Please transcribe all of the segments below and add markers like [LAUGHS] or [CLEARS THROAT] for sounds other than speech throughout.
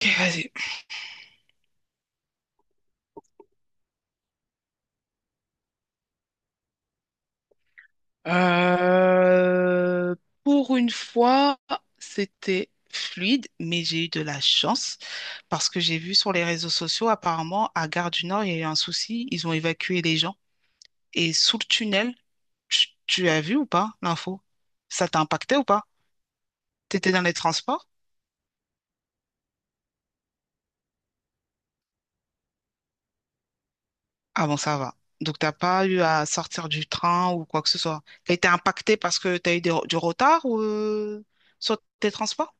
Ok, vas-y. Euh, pour une fois, c'était fluide, mais j'ai eu de la chance parce que j'ai vu sur les réseaux sociaux, apparemment, à Gare du Nord, il y a eu un souci. Ils ont évacué les gens. Et sous le tunnel, tu as vu ou pas l'info? Ça t'a impacté ou pas? T'étais dans les transports? Ah bon, ça va. Donc, t'as pas eu à sortir du train ou quoi que ce soit. T'as été impacté parce que t'as eu du retard ou, sur tes transports?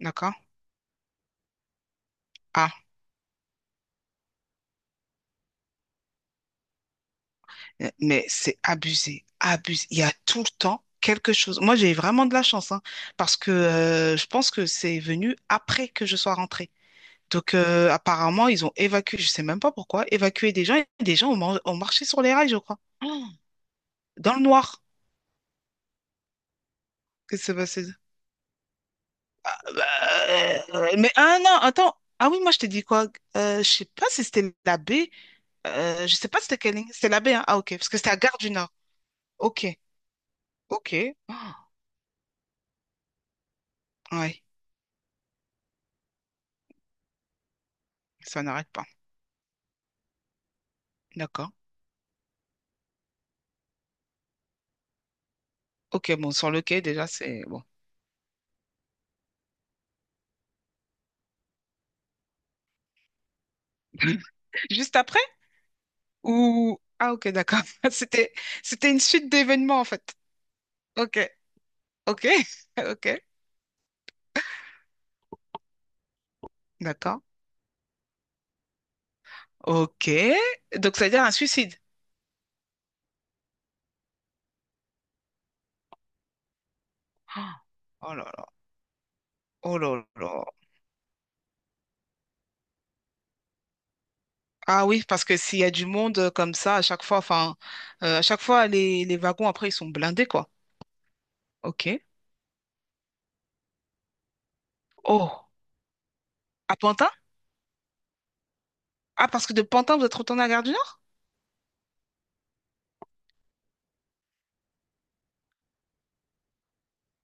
D'accord. Ah. Mais c'est abusé, abusé. Il y a tout le temps quelque chose. Moi, j'ai vraiment de la chance, hein, parce que je pense que c'est venu après que je sois rentrée. Donc, apparemment, ils ont évacué, je sais même pas pourquoi, évacué des gens et des gens ont marché sur les rails, je crois. Oh. Dans le noir. Qu'est-ce qui s'est passé? Ah bah, mais ah non, attends. Ah oui, moi, je t'ai dit quoi? Je sais pas si c'était la baie. Je sais pas si c'était quelle ligne. C'était la baie, hein? Ah, ok, parce que c'était à Gare du Nord. Ok, ok. Oh. Ouais, ça n'arrête pas. D'accord. Ok, bon, sur le quai, déjà, c'est bon. [LAUGHS] Juste après? Ah, ok, d'accord. [LAUGHS] C'était, c'était une suite d'événements, en fait. Ok, ok, [LAUGHS] ok, d'accord. Ok. Donc, ça veut dire un suicide. [GASPS] Ah. Oh là là, oh là là. Ah oui, parce que s'il y a du monde comme ça, à chaque fois, enfin, à chaque fois, les wagons, après, ils sont blindés, quoi. Ok. Oh, à Pantin? Ah, parce que de Pantin, vous êtes retourné à Gare du Nord?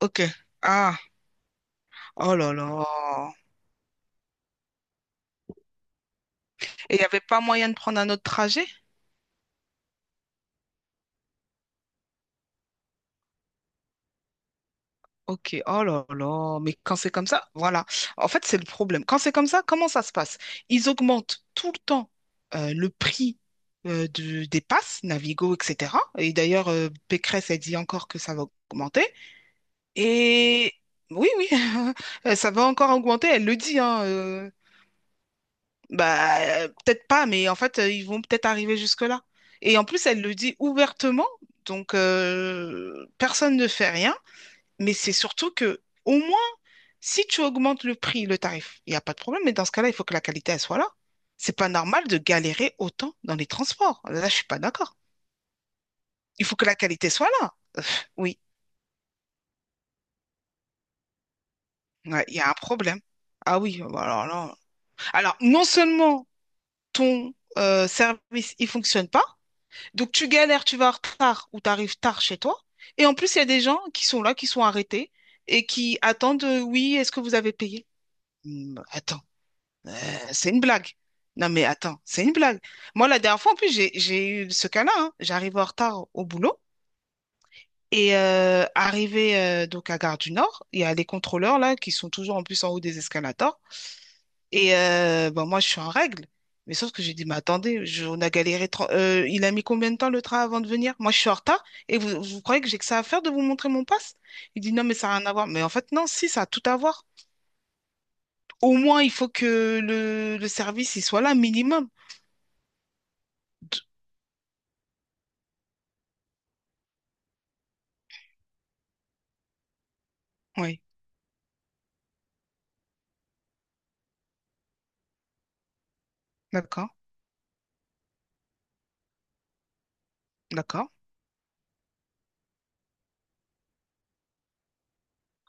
Ok. Ah, oh là là. Et il n'y avait pas moyen de prendre un autre trajet? Ok, oh là là, mais quand c'est comme ça, voilà. En fait, c'est le problème. Quand c'est comme ça, comment ça se passe? Ils augmentent tout le temps le prix des passes, Navigo, etc. Et d'ailleurs, Pécresse a dit encore que ça va augmenter. Et oui, oui, [LAUGHS] ça va encore augmenter, elle le dit, hein. Bah, peut-être pas, mais en fait, ils vont peut-être arriver jusque-là. Et en plus, elle le dit ouvertement, donc personne ne fait rien, mais c'est surtout que au moins si tu augmentes le prix, le tarif, il n'y a pas de problème, mais dans ce cas-là, il faut que la qualité, elle soit là. C'est pas normal de galérer autant dans les transports. Là, je suis pas d'accord. Il faut que la qualité soit là. Oui. Ouais, il y a un problème. Ah oui, bah alors là. Alors, non seulement ton service, il fonctionne pas, donc tu galères, tu vas en retard ou tu arrives tard chez toi, et en plus, il y a des gens qui sont là, qui sont arrêtés et qui attendent, oui, est-ce que vous avez payé? Attends. Euh, C'est une blague. Non, mais attends, c'est une blague. Moi, la dernière fois, en plus, j'ai eu ce cas-là, hein. J'arrive en retard au boulot. Et arrivé donc à Gare du Nord, il y a les contrôleurs là qui sont toujours en plus en haut des escalators. Et ben, moi, je suis en règle. Mais sauf que j'ai dit, mais attendez, on a galéré. Il a mis combien de temps le train avant de venir? Moi, je suis en retard. Et vous, vous croyez que j'ai que ça à faire de vous montrer mon passe? Il dit, non, mais ça n'a rien à voir. Mais en fait, non, si, ça a tout à voir. Au moins, il faut que le service il soit là, minimum. Oui. D'accord, d'accord.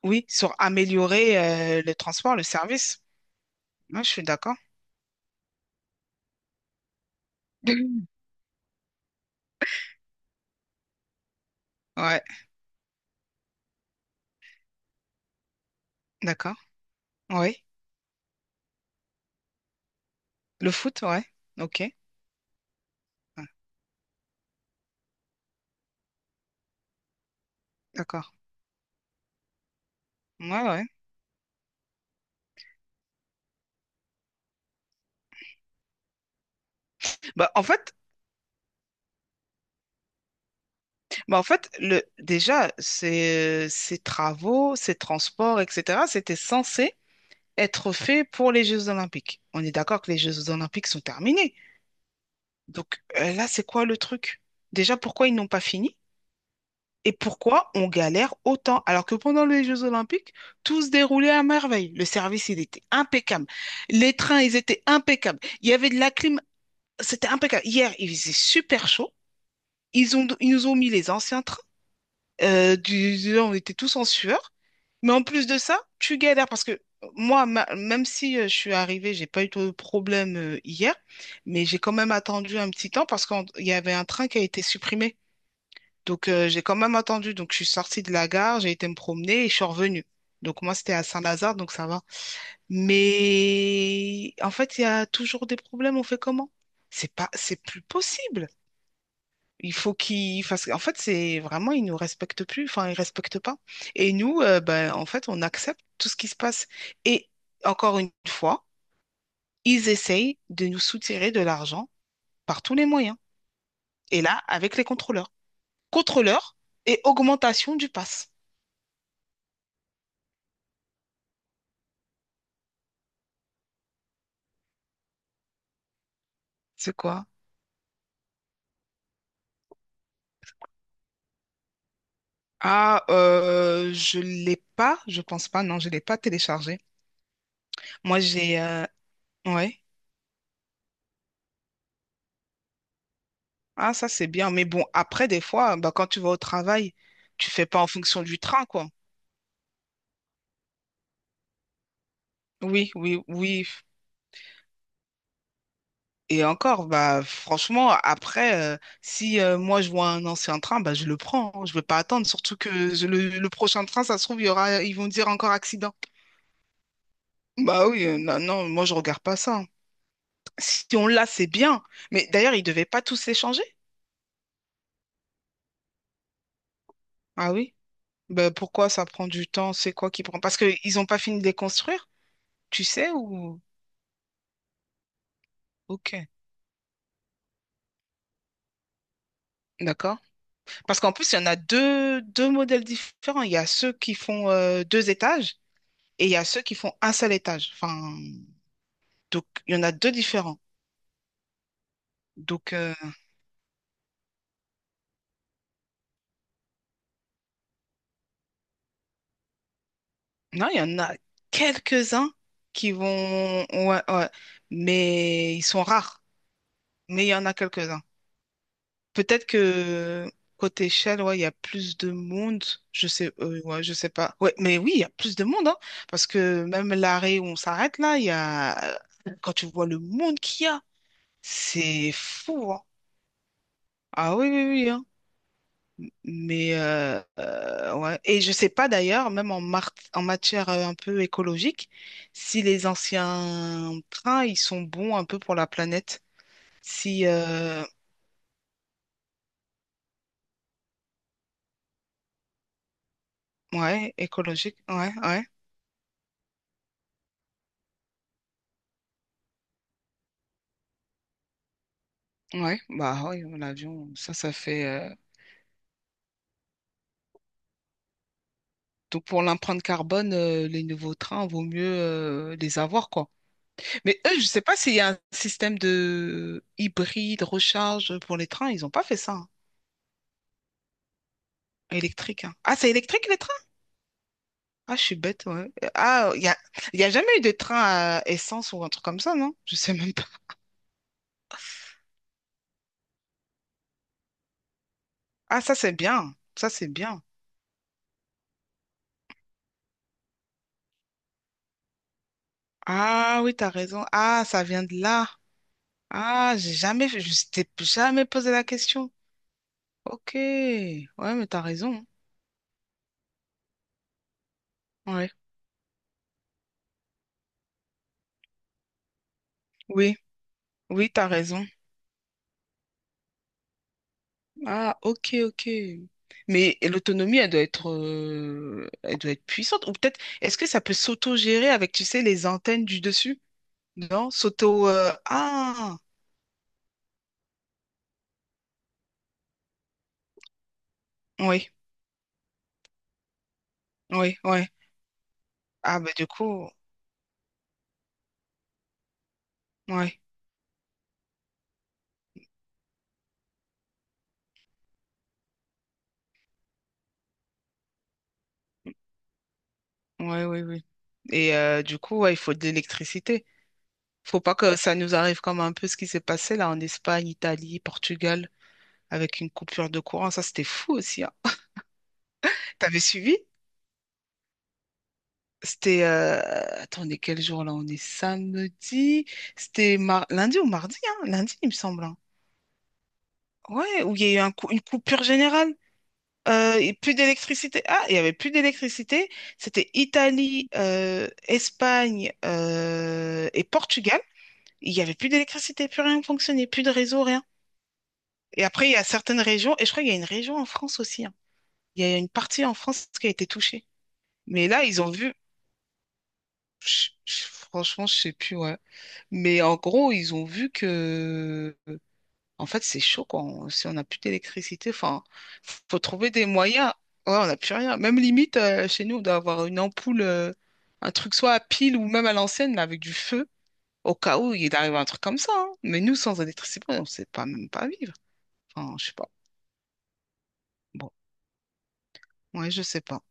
Oui, sur améliorer le transport, le service. Moi, je suis d'accord. [CLEARS THROAT] Ouais, d'accord. Oui. Le foot, ouais. Ok. Ouais, d'accord. Ouais, ouais. Bah, en fait, bah, en fait le, déjà, ces travaux, ces transports, etc., c'était censé être fait pour les Jeux Olympiques. On est d'accord que les Jeux Olympiques sont terminés. Donc là, c'est quoi le truc? Déjà, pourquoi ils n'ont pas fini? Et pourquoi on galère autant alors que pendant les Jeux Olympiques, tout se déroulait à merveille. Le service, il était impeccable. Les trains, ils étaient impeccables. Il y avait de la clim, c'était impeccable. Hier, il faisait super chaud. Ils ont, ils nous ont mis les anciens trains. On était tous en sueur. Mais en plus de ça, tu galères parce que moi, même si je suis arrivée, j'ai pas eu de problème hier, mais j'ai quand même attendu un petit temps parce qu'il y avait un train qui a été supprimé. Donc, j'ai quand même attendu. Donc, je suis sortie de la gare, j'ai été me promener et je suis revenue. Donc, moi, c'était à Saint-Lazare, donc ça va. Mais en fait, il y a toujours des problèmes. On fait comment? C'est pas, c'est plus possible. Il faut qu'ils fassent. En fait, c'est vraiment, ils nous respectent plus. Enfin, ils respectent pas. Et nous, ben, en fait, on accepte tout ce qui se passe. Et encore une fois, ils essayent de nous soutirer de l'argent par tous les moyens. Et là, avec les contrôleurs. Contrôleurs et augmentation du pass. C'est quoi? Ah, je l'ai pas, je pense pas, non, je l'ai pas téléchargé. Moi, j'ai, ouais. Ah, ça c'est bien, mais bon, après des fois, bah quand tu vas au travail, tu fais pas en fonction du train, quoi. Oui, oui, oui. Et encore, bah franchement, après, si moi je vois un ancien train, bah je le prends, hein. Je vais pas attendre, surtout que le prochain train, ça se trouve, il y aura, ils vont dire encore accident. Bah oui, non, non, moi je regarde pas ça, hein. Si on l'a, c'est bien. Mais d'ailleurs, ils devaient pas tous s'échanger. Ah oui. Bah, pourquoi ça prend du temps? C'est quoi qui prend? Parce qu'ils n'ont pas fini de les construire, tu sais, ou... Ok, d'accord. Parce qu'en plus, il y en a deux, deux modèles différents. Il y a ceux qui font deux étages et il y a ceux qui font un seul étage. Enfin, donc, il y en a deux différents. Donc, non, il y en a quelques-uns qui vont... Ouais, ouais. Mais ils sont rares. Mais il y en a quelques-uns. Peut-être que côté Shell, ouais, il y a plus de monde. Je sais, ouais, je sais pas. Ouais, mais oui, il y a plus de monde, hein, parce que même l'arrêt où on s'arrête là, il y a quand tu vois le monde qu'il y a, c'est fou, hein. Ah oui, oui, oui, hein. Mais ouais. Et je sais pas d'ailleurs, même en, en matière un peu écologique, si les anciens trains, ils sont bons un peu pour la planète. Si ouais, écologique, ouais, ouais. Ouais, bah oui, l'avion, ça fait. Donc pour l'empreinte carbone, les nouveaux trains, vaut mieux les avoir, quoi. Mais eux, je sais pas s'il y a un système de hybride, recharge pour les trains, ils ont pas fait ça, hein. Électrique, hein. Ah, c'est électrique les trains? Ah, je suis bête, ouais. Ah, il y a jamais eu de train à essence ou un truc comme ça, non? Je sais même pas. Ah, ça c'est bien. Ça c'est bien. Ah oui, t'as raison. Ah, ça vient de là. Ah, j'ai jamais, je t'ai jamais posé la question. Ok, ouais, mais t'as raison, hein. Ouais, oui, oui, t'as raison. Ah, ok, ok. Mais l'autonomie, elle doit être puissante. Ou peut-être, est-ce que ça peut s'auto-gérer avec, tu sais, les antennes du dessus? Non, ah, oui, oui, oui. Ah, bah du coup, ouais, ouais, oui, oui. Et du coup, ouais, il faut de l'électricité. Faut pas que ça nous arrive comme un peu ce qui s'est passé là en Espagne, Italie, Portugal, avec une coupure de courant. Ça, c'était fou aussi, hein. T'avais suivi? C'était, attendez, quel jour là? On est samedi. C'était lundi ou mardi, hein? Lundi, il me semble, hein. Ouais, où il y a eu un une coupure générale. Et plus d'électricité. Ah, il y avait plus d'électricité. C'était Italie, Espagne et Portugal. Il y avait plus d'électricité, plus rien ne fonctionnait, plus de réseau, rien. Et après, il y a certaines régions, et je crois qu'il y a une région en France aussi, hein. Il y a une partie en France qui a été touchée. Mais là, ils ont vu. Franchement, je sais plus, ouais. Mais en gros, ils ont vu que, en fait, c'est chaud, quoi. On- si on n'a plus d'électricité, enfin, faut trouver des moyens. Ouais, on n'a plus rien. Même limite, chez nous, on doit avoir une ampoule, un truc soit à pile ou même à l'ancienne, mais avec du feu, au cas où il arrive un truc comme ça, hein. Mais nous, sans électricité, on ne sait pas même pas vivre. Enfin, je sais pas. Bon, ouais, je sais pas.